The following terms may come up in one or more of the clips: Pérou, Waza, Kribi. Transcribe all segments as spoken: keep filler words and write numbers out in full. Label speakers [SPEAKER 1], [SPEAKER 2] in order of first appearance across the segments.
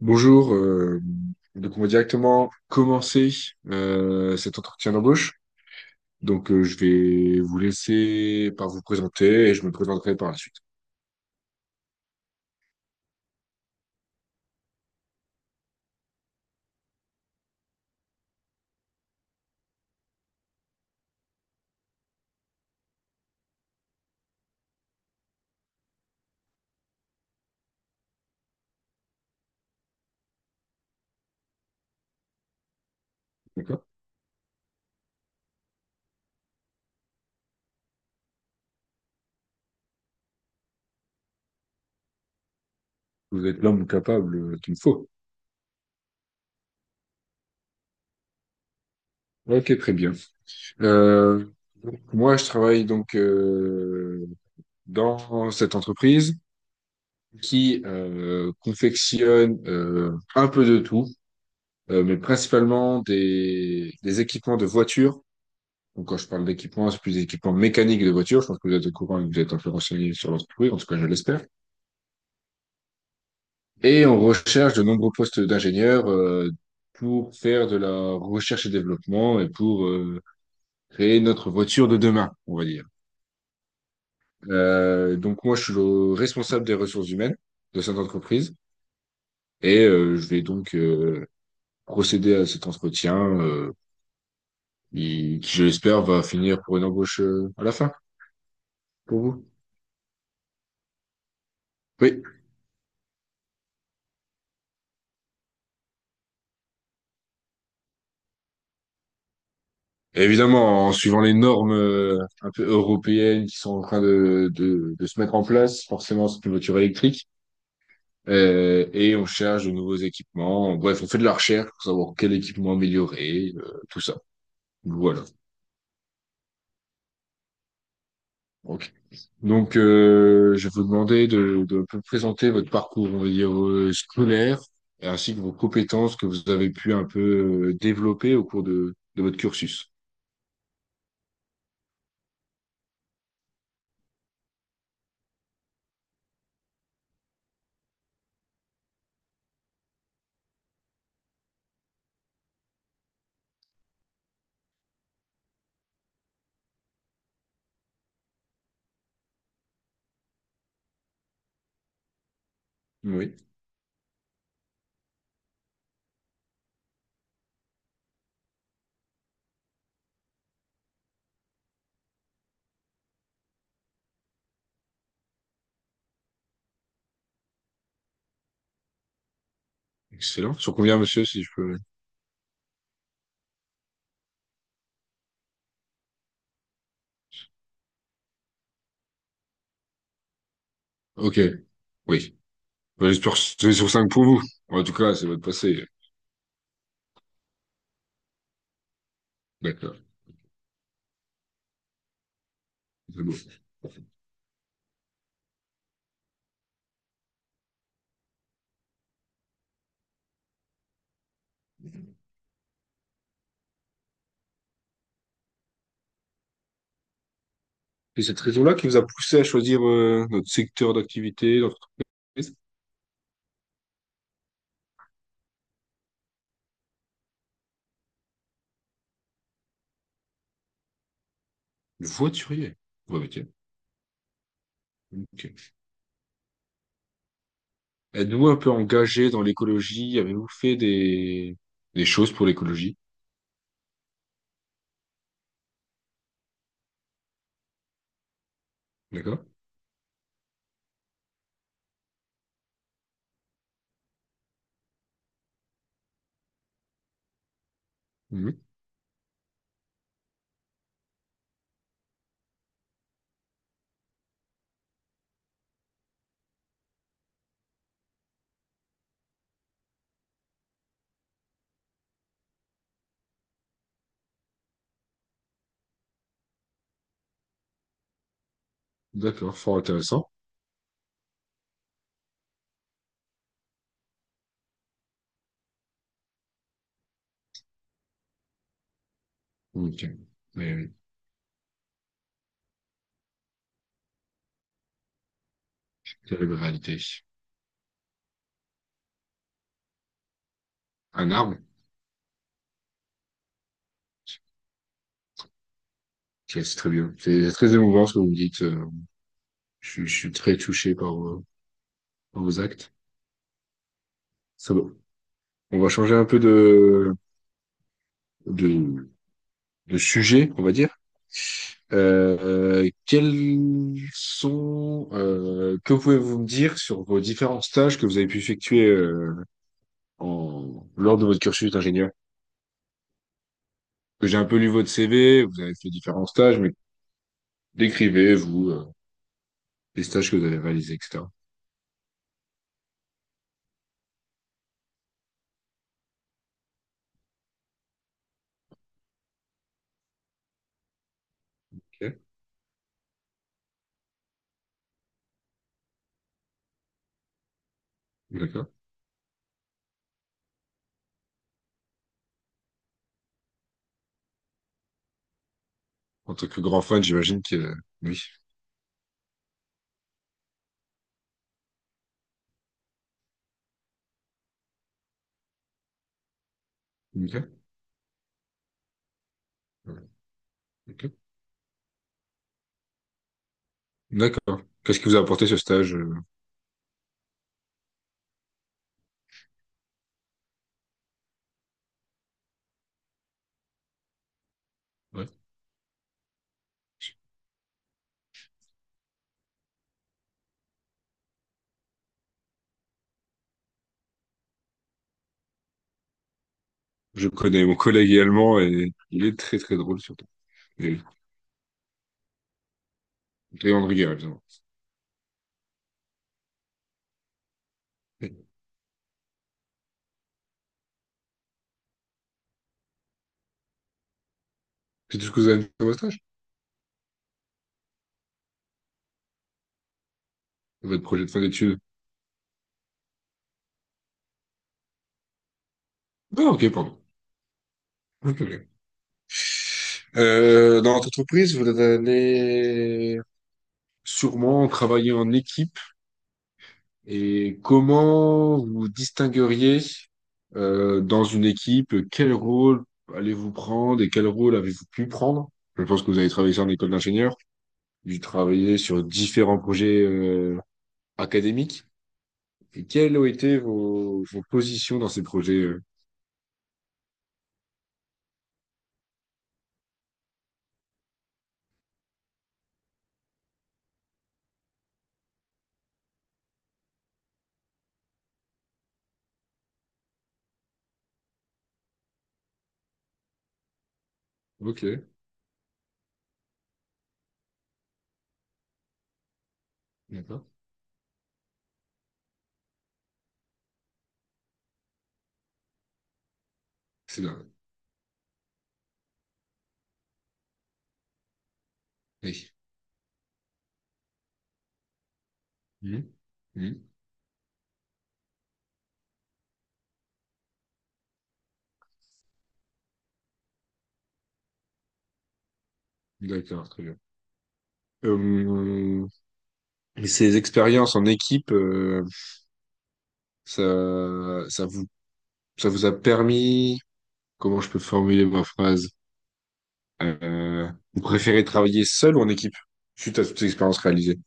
[SPEAKER 1] Bonjour, euh, donc on va directement commencer euh, cet entretien d'embauche. Donc euh, je vais vous laisser par vous présenter et je me présenterai par la suite. D'accord? Vous êtes l'homme capable qu'il me faut. Ok, très bien. Euh, donc, Moi, je travaille donc euh, dans cette entreprise qui euh, confectionne euh, un peu de tout, euh, mais principalement des, des équipements de voitures. Donc, quand je parle d'équipement, c'est plus des équipements mécaniques de voiture. Je pense que vous êtes au courant et que vous êtes un peu renseigné sur l'entreprise, en tout cas, je l'espère. Et on recherche de nombreux postes d'ingénieurs euh, pour faire de la recherche et développement et pour euh, créer notre voiture de demain, on va dire. Euh, donc, moi, je suis le responsable des ressources humaines de cette entreprise et euh, je vais donc euh, procéder à cet entretien euh, qui, qui, je l'espère, va finir pour une embauche euh, à la fin pour vous. Oui. Et évidemment, en suivant les normes euh, un peu européennes qui sont en train de, de, de se mettre en place, forcément, c'est une voiture électrique. Euh, et on cherche de nouveaux équipements. Bref, on fait de la recherche pour savoir quel équipement améliorer, euh, tout ça. Voilà. Ok. Donc, euh, je vais vous demander de, de un peu présenter votre parcours, on va dire, euh, scolaire, et ainsi que vos compétences que vous avez pu un peu euh, développer au cours de, de votre cursus. Oui. Excellent. Sur combien, monsieur, si je peux... Ok. Oui. Bah, j'espère que c'est sur cinq pour vous. En tout cas, ça va te passer. D'accord. C'est beau. C'est cette raison-là qui vous a poussé à choisir euh, notre secteur d'activité, d'entreprise. Le voiturier. Ouais, ok. Ok. Êtes-vous un peu engagé dans l'écologie? Avez-vous fait des... des choses pour l'écologie? D'accord? Mhm. D'accord, fort intéressant. Ok. Mais oui, terrible réalité. Un arbre? Ok, c'est très bien. C'est très émouvant ce que vous me dites. euh, Je, suis je suis très touché par, vos- par vos actes. Ça va. On va changer un peu de, de, de sujets, on va dire. Euh, quels sont, euh, que pouvez-vous me dire sur vos différents stages que vous avez pu effectuer euh, en, lors de votre cursus d'ingénieur? Parce que j'ai un peu lu votre C V, vous avez fait différents stages, mais décrivez, vous, euh, les stages que vous avez réalisés, et cétéra. Ok, d'accord. En tant que grand fan, j'imagine que euh, oui. Ok. Ouais, ok. D'accord. Qu'est-ce qui vous a apporté ce stage? Euh, ouais. Je connais mon collègue également et il est très très drôle surtout. Et, et on rigole. C'est c'est tout ce que vous avez fait dans stage? Votre projet de fin d'études? Ah, ok, pardon. Ok, ok. Euh, dans votre entreprise, vous allez sûrement travailler en équipe. Et comment vous distingueriez euh, dans une équipe, quel rôle allez-vous prendre et quel rôle avez-vous pu prendre? Je pense que vous avez travaillé ça en école d'ingénieur, vous travaillez sur différents projets euh, académiques. Et quelles ont été vos, vos positions dans ces projets? euh Ok, d'accord. C'est bien. Oui. Mhm. Mhm. D'accord, très bien. Euh, et ces expériences en équipe, euh, ça, ça vous, ça vous a permis, comment je peux formuler ma phrase? Euh, vous préférez travailler seul ou en équipe? Suite à toutes ces expériences réalisées.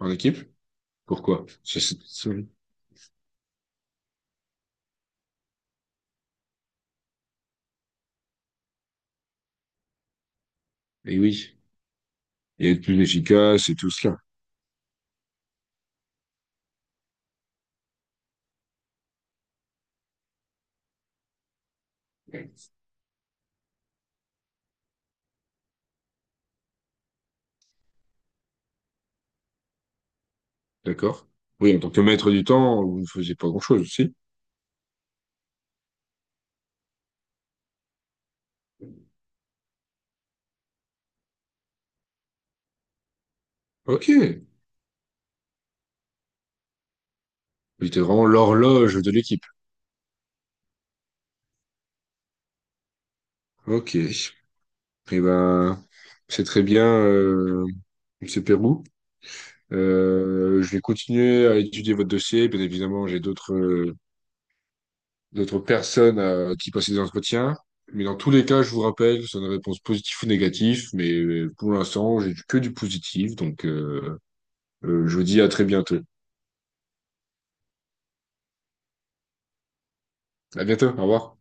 [SPEAKER 1] En équipe? Pourquoi? Ça, c'est- ça- Et oui. Et être plus efficace et tout cela. D'accord? Oui, en tant que maître du temps, vous ne faisiez pas grand-chose aussi. Ok. Vous étiez vraiment l'horloge de l'équipe. Ok. Et ben, c'est très bien, euh, Monsieur Pérou. Euh, je vais continuer à étudier votre dossier. Bien évidemment, j'ai d'autres euh, d'autres personnes à qui passer des entretiens. Mais dans tous les cas, je vous rappelle, c'est une réponse positive ou négative. Mais euh, pour l'instant, j'ai que du positif. Donc, euh, euh, je vous dis à très bientôt. À bientôt. Au revoir.